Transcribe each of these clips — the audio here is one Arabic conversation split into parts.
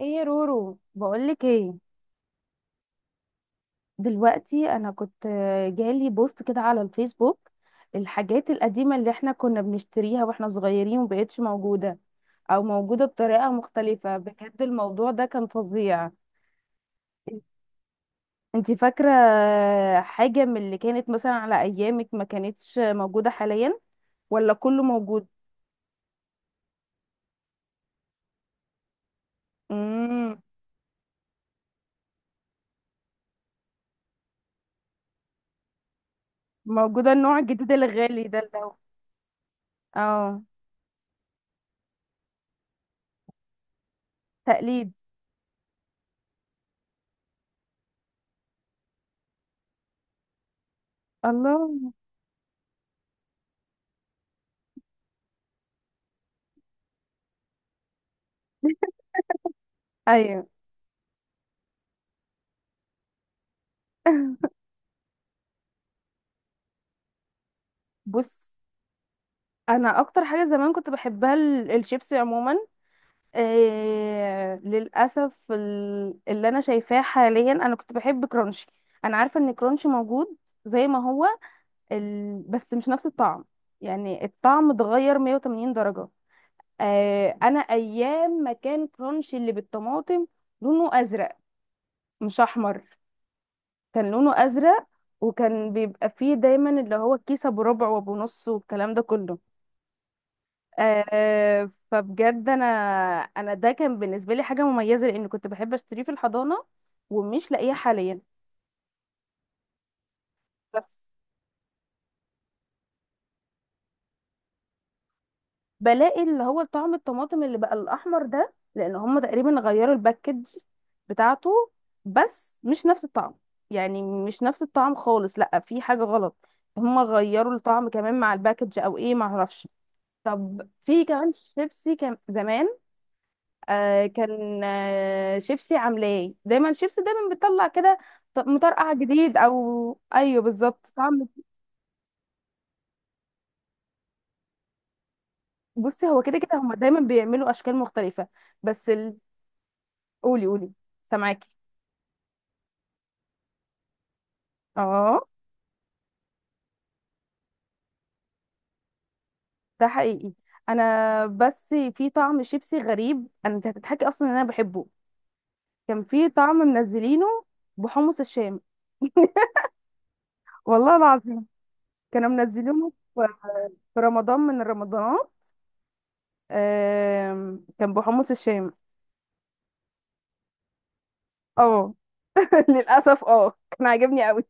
ايه يا رورو بقولك ايه. دلوقتي انا كنت جالي بوست كده على الفيسبوك. الحاجات القديمة اللي احنا كنا بنشتريها واحنا صغيرين ومبقتش موجودة او موجودة بطريقة مختلفة، بجد الموضوع ده كان فظيع. انتي فاكرة حاجة من اللي كانت مثلا على ايامك ما كانتش موجودة حاليا ولا كله موجود؟ امم موجودة النوع الجديد الغالي ده اللي هو اه تقليد. الله ايوه. بص، انا اكتر حاجه زمان كنت بحبها الشيبسي عموما. إيه للاسف اللي انا شايفاه حاليا، انا كنت بحب كرانشي. انا عارفه ان كرانشي موجود زي ما هو بس مش نفس الطعم. يعني الطعم اتغير 180 درجه. إيه انا ايام ما كان كرانشي اللي بالطماطم لونه ازرق، مش احمر. كان لونه ازرق، وكان بيبقى فيه دايما اللي هو الكيسه بربع وبنص والكلام ده كله. آه فبجد انا ده كان بالنسبه لي حاجه مميزه، لان كنت بحب اشتريه في الحضانه ومش لاقيه حاليا. بس بلاقي اللي هو طعم الطماطم اللي بقى الاحمر ده، لان هم تقريبا غيروا الباكج بتاعته. بس مش نفس الطعم، يعني مش نفس الطعم خالص، لا في حاجه غلط. هم غيروا الطعم كمان مع الباكج او ايه ما اعرفش. طب في كمان شيبسي كان زمان، آه كان آه شيبسي عاملاه ايه؟ دايما شيبسي دايما بتطلع كده مطرقع جديد او ايوه بالظبط طعم. بصي هو كده كده هما دايما بيعملوا اشكال مختلفه بس قولي قولي. سامعاكي. اه ده حقيقي. انا بس في طعم شيبسي غريب، انا انت هتضحكي اصلا ان انا بحبه. كان في طعم منزلينه بحمص الشام. والله العظيم كانوا منزلينه في في رمضان من الرمضانات. كان بحمص الشام. اه للاسف اه كان عاجبني قوي.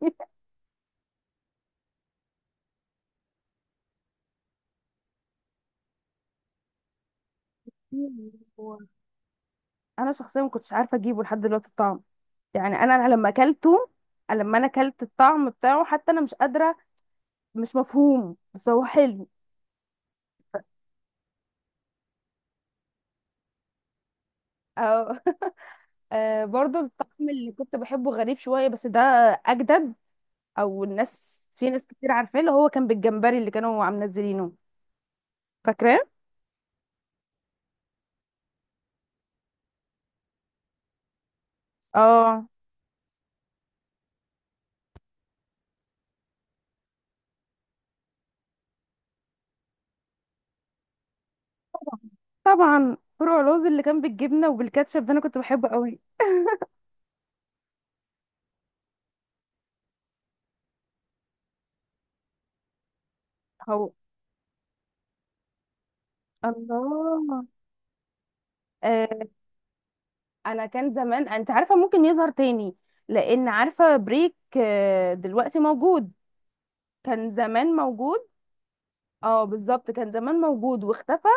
انا شخصيا ما كنتش عارفه اجيبه لحد دلوقتي الطعم. يعني انا لما اكلته، لما انا اكلت الطعم بتاعه، حتى انا مش قادره، مش مفهوم بس هو حلو. اه. برضو الطعم اللي كنت بحبه غريب شويه بس ده اجدد. او الناس، في ناس كتير عارفاه اللي هو كان بالجمبري اللي كانوا عم منزلينه، فاكراه. اه طبعا فروع لوز اللي كان بالجبنه وبالكاتشب ده انا كنت بحبه قوي. هو الله. آه، انا كان زمان انت عارفه ممكن يظهر تاني، لان عارفه بريك دلوقتي موجود. كان زمان موجود. اه بالظبط كان زمان موجود واختفى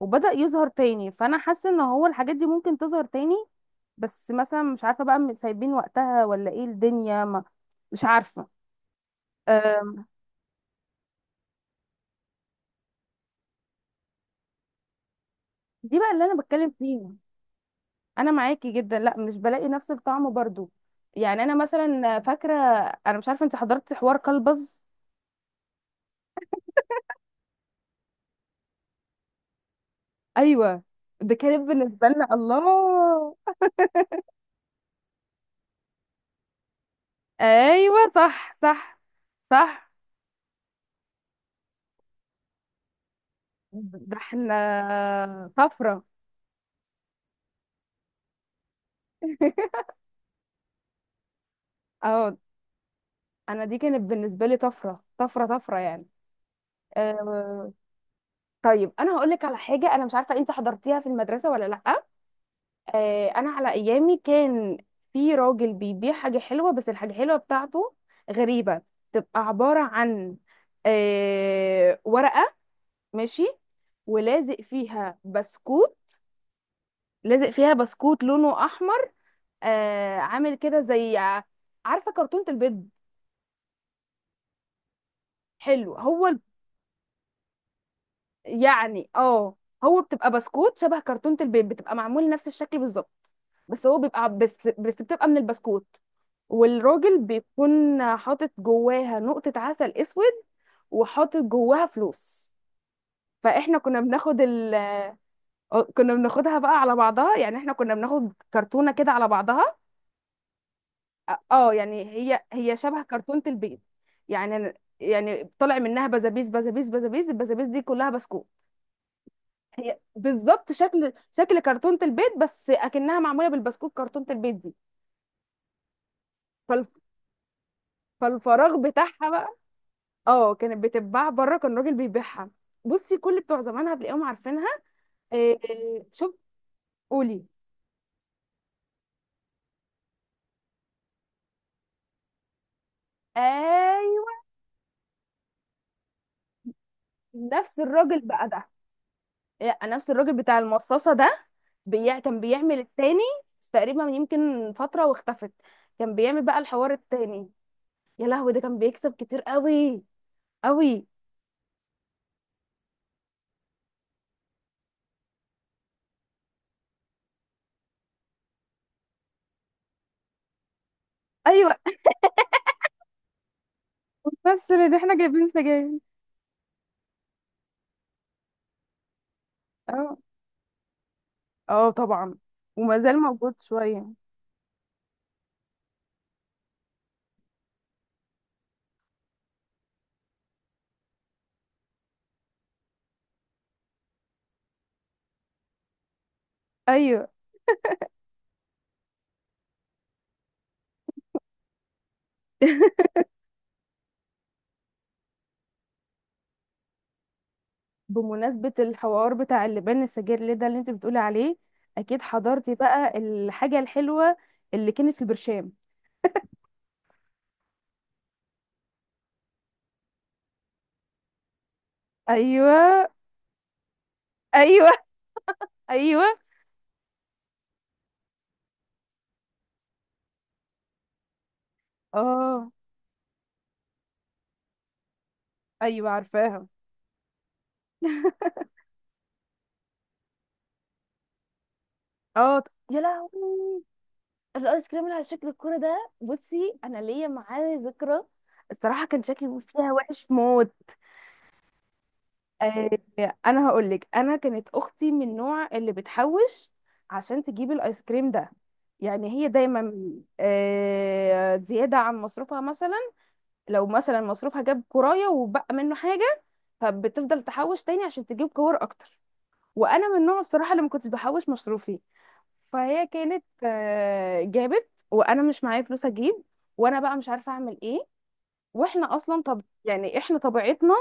وبدأ يظهر تاني، فانا حاسه ان هو الحاجات دي ممكن تظهر تاني. بس مثلا مش عارفه بقى سايبين وقتها ولا ايه الدنيا ما، مش عارفه. آم، دي بقى اللي انا بتكلم فيها. انا معاكي جدا، لا مش بلاقي نفس الطعم برضو. يعني انا مثلا فاكره، انا مش عارفه انت حضرتي حوار كلبز؟ ايوه ده كانت بالنسبه لنا الله. ايوه صح صح صح. ده احنا طفره. اه انا دي كانت بالنسبه لي طفره طفره طفره يعني. أه. طيب انا هقول لك على حاجه، انا مش عارفه انت حضرتيها في المدرسه ولا لا. أه انا على ايامي كان في راجل بيبيع حاجه حلوه، بس الحاجه الحلوه بتاعته غريبه. تبقى عباره عن أه ورقه، ماشي، ولازق فيها بسكوت. لازق فيها بسكوت لونه احمر. آه عامل كده زي، عارفه كرتونه البيض. حلو. هو يعني اه هو بتبقى بسكوت شبه كرتونه البيض، بتبقى معمول نفس الشكل بالظبط. بس هو بيبقى ع- بس بتبقى من البسكوت. والراجل بيكون حاطط جواها نقطه عسل اسود وحاطط جواها فلوس. فاحنا كنا بناخد كنا بناخدها بقى على بعضها، يعني احنا كنا بناخد كرتونه كده على بعضها. اه يعني هي شبه كرتونة البيض. يعني أنا- يعني طلع منها بزابيز بزابيز بزابيز، البزابيز دي كلها بسكوت. هي بالظبط شكل كرتونة البيض، بس اكنها معمولة بالبسكوت كرتونة البيض دي. فال- فالفراغ بتاعها بقى. اه كانت بتتباع بره، كان راجل بيبيعها. بصي كل بتوع زمان هتلاقيهم عارفينها. إيه إيه، شوف. قولي. ايوه نفس الراجل بقى ده. إيه، نفس الراجل بتاع المصاصة ده كان بيعمل التاني. بس تقريبا يمكن فترة واختفت. كان بيعمل بقى الحوار التاني. يا لهوي، ده كان بيكسب كتير قوي قوي. ايوه. بس اللي احنا جايبين سجاير. اه اه طبعا وما زال موجود شوية. ايوه. بمناسبة الحوار بتاع اللبان السجاير ده اللي انت بتقولي عليه، اكيد حضرتي بقى الحاجة الحلوة اللي كانت في البرشام. ايوه ايوه ايوه. اه ايوه عارفاها. اه يا لهوي. الايس كريم اللي على شكل الكوره ده، بصي انا ليا معاه ذكرى. الصراحه كان شكلي فيها وحش موت. آه انا هقول لك، انا كانت اختي من النوع اللي بتحوش عشان تجيب الايس كريم ده. يعني هي دايما آه زياده عن مصروفها مثلا، لو مثلا مصروفها جاب كرايه وبقى منه حاجه، فبتفضل تحوش تاني عشان تجيب كور اكتر. وانا من النوع الصراحه اللي ما كنتش بحوش مصروفي. فهي كانت جابت وانا مش معايا فلوس اجيب، وانا بقى مش عارفه اعمل ايه. واحنا اصلا، طب يعني احنا طبيعتنا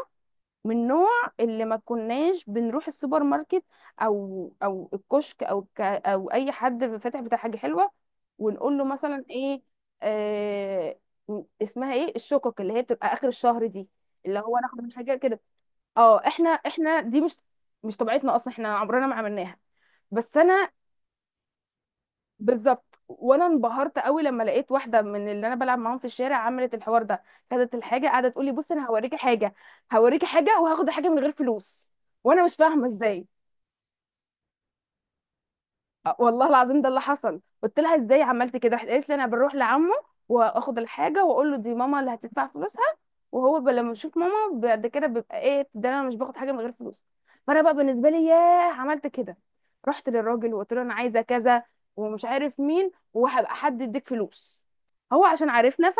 من نوع اللي ما كناش بنروح السوبر ماركت او او الكشك او ك او اي حد فاتح بتاع حاجه حلوه، ونقول له مثلا ايه، آه اسمها ايه الشقق اللي هي بتبقى اخر الشهر دي، اللي هو ناخد من حاجه كده. اه احنا دي مش مش طبيعتنا اصلا، احنا عمرنا ما عملناها. بس انا، بالظبط. وانا انبهرت قوي لما لقيت واحده من اللي انا بلعب معاهم في الشارع عملت الحوار ده. خدت الحاجه قاعده تقول لي بصي انا هوريكي حاجه، هوريكي حاجه وهاخد الحاجه من غير فلوس. وانا مش فاهمه ازاي. والله العظيم ده اللي حصل. قلت لها ازاي عملت كده، راحت قالت لي انا بروح لعمه واخد الحاجه واقول له دي ماما اللي هتدفع فلوسها. وهو ب- لما بشوف ماما بعد كده بيبقى ايه ده انا مش باخد حاجه من غير فلوس. فانا بقى بالنسبه لي ياه، عملت كده. رحت للراجل وقلت له انا عايزه كذا ومش عارف مين، وهبقى حد يديك فلوس. هو عشان عرفنا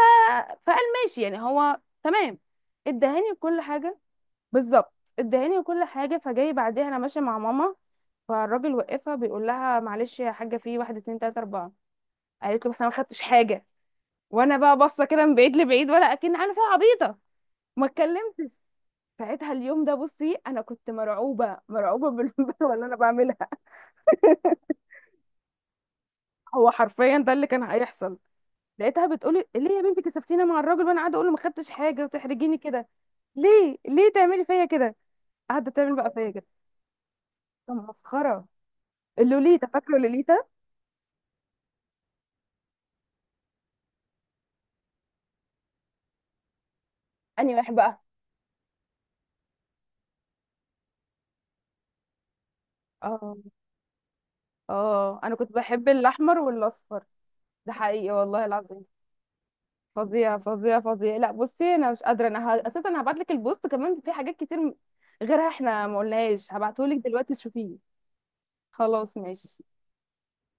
فقال ماشي يعني هو تمام. ادهاني كل حاجه. بالظبط. ادهاني كل حاجه، فجاي بعديها انا ماشيه مع ماما. فالراجل وقفها بيقول لها معلش يا حاجه في واحد اتنين تلاته اربعه. قالت له بس انا ما خدتش حاجه. وانا بقى باصه كده من بعيد لبعيد ولا اكن عامله فيها عبيطه. ما اتكلمتش. ساعتها اليوم ده، بصي انا كنت مرعوبه مرعوبه باللي انا بعملها. هو حرفيا ده اللي كان هيحصل. لقيتها بتقولي ليه يا بنتي كسفتينا مع الراجل وانا قاعده اقول له ما خدتش حاجه وتحرجيني كده. ليه ليه تعملي فيا كده، قاعده تعمل بقى فيا كده. ده مسخره. اللوليتا، فاكره لوليتا؟ انهي واحد بقى. اه اه انا كنت بحب الاحمر والاصفر. ده حقيقي والله العظيم. فظيع فظيع فظيع. لا بصي انا مش قادره، انا اساسا هبعت لك البوست كمان في حاجات كتير غيرها احنا ما قلناهاش، هبعته لك دلوقتي تشوفيه. خلاص ماشي.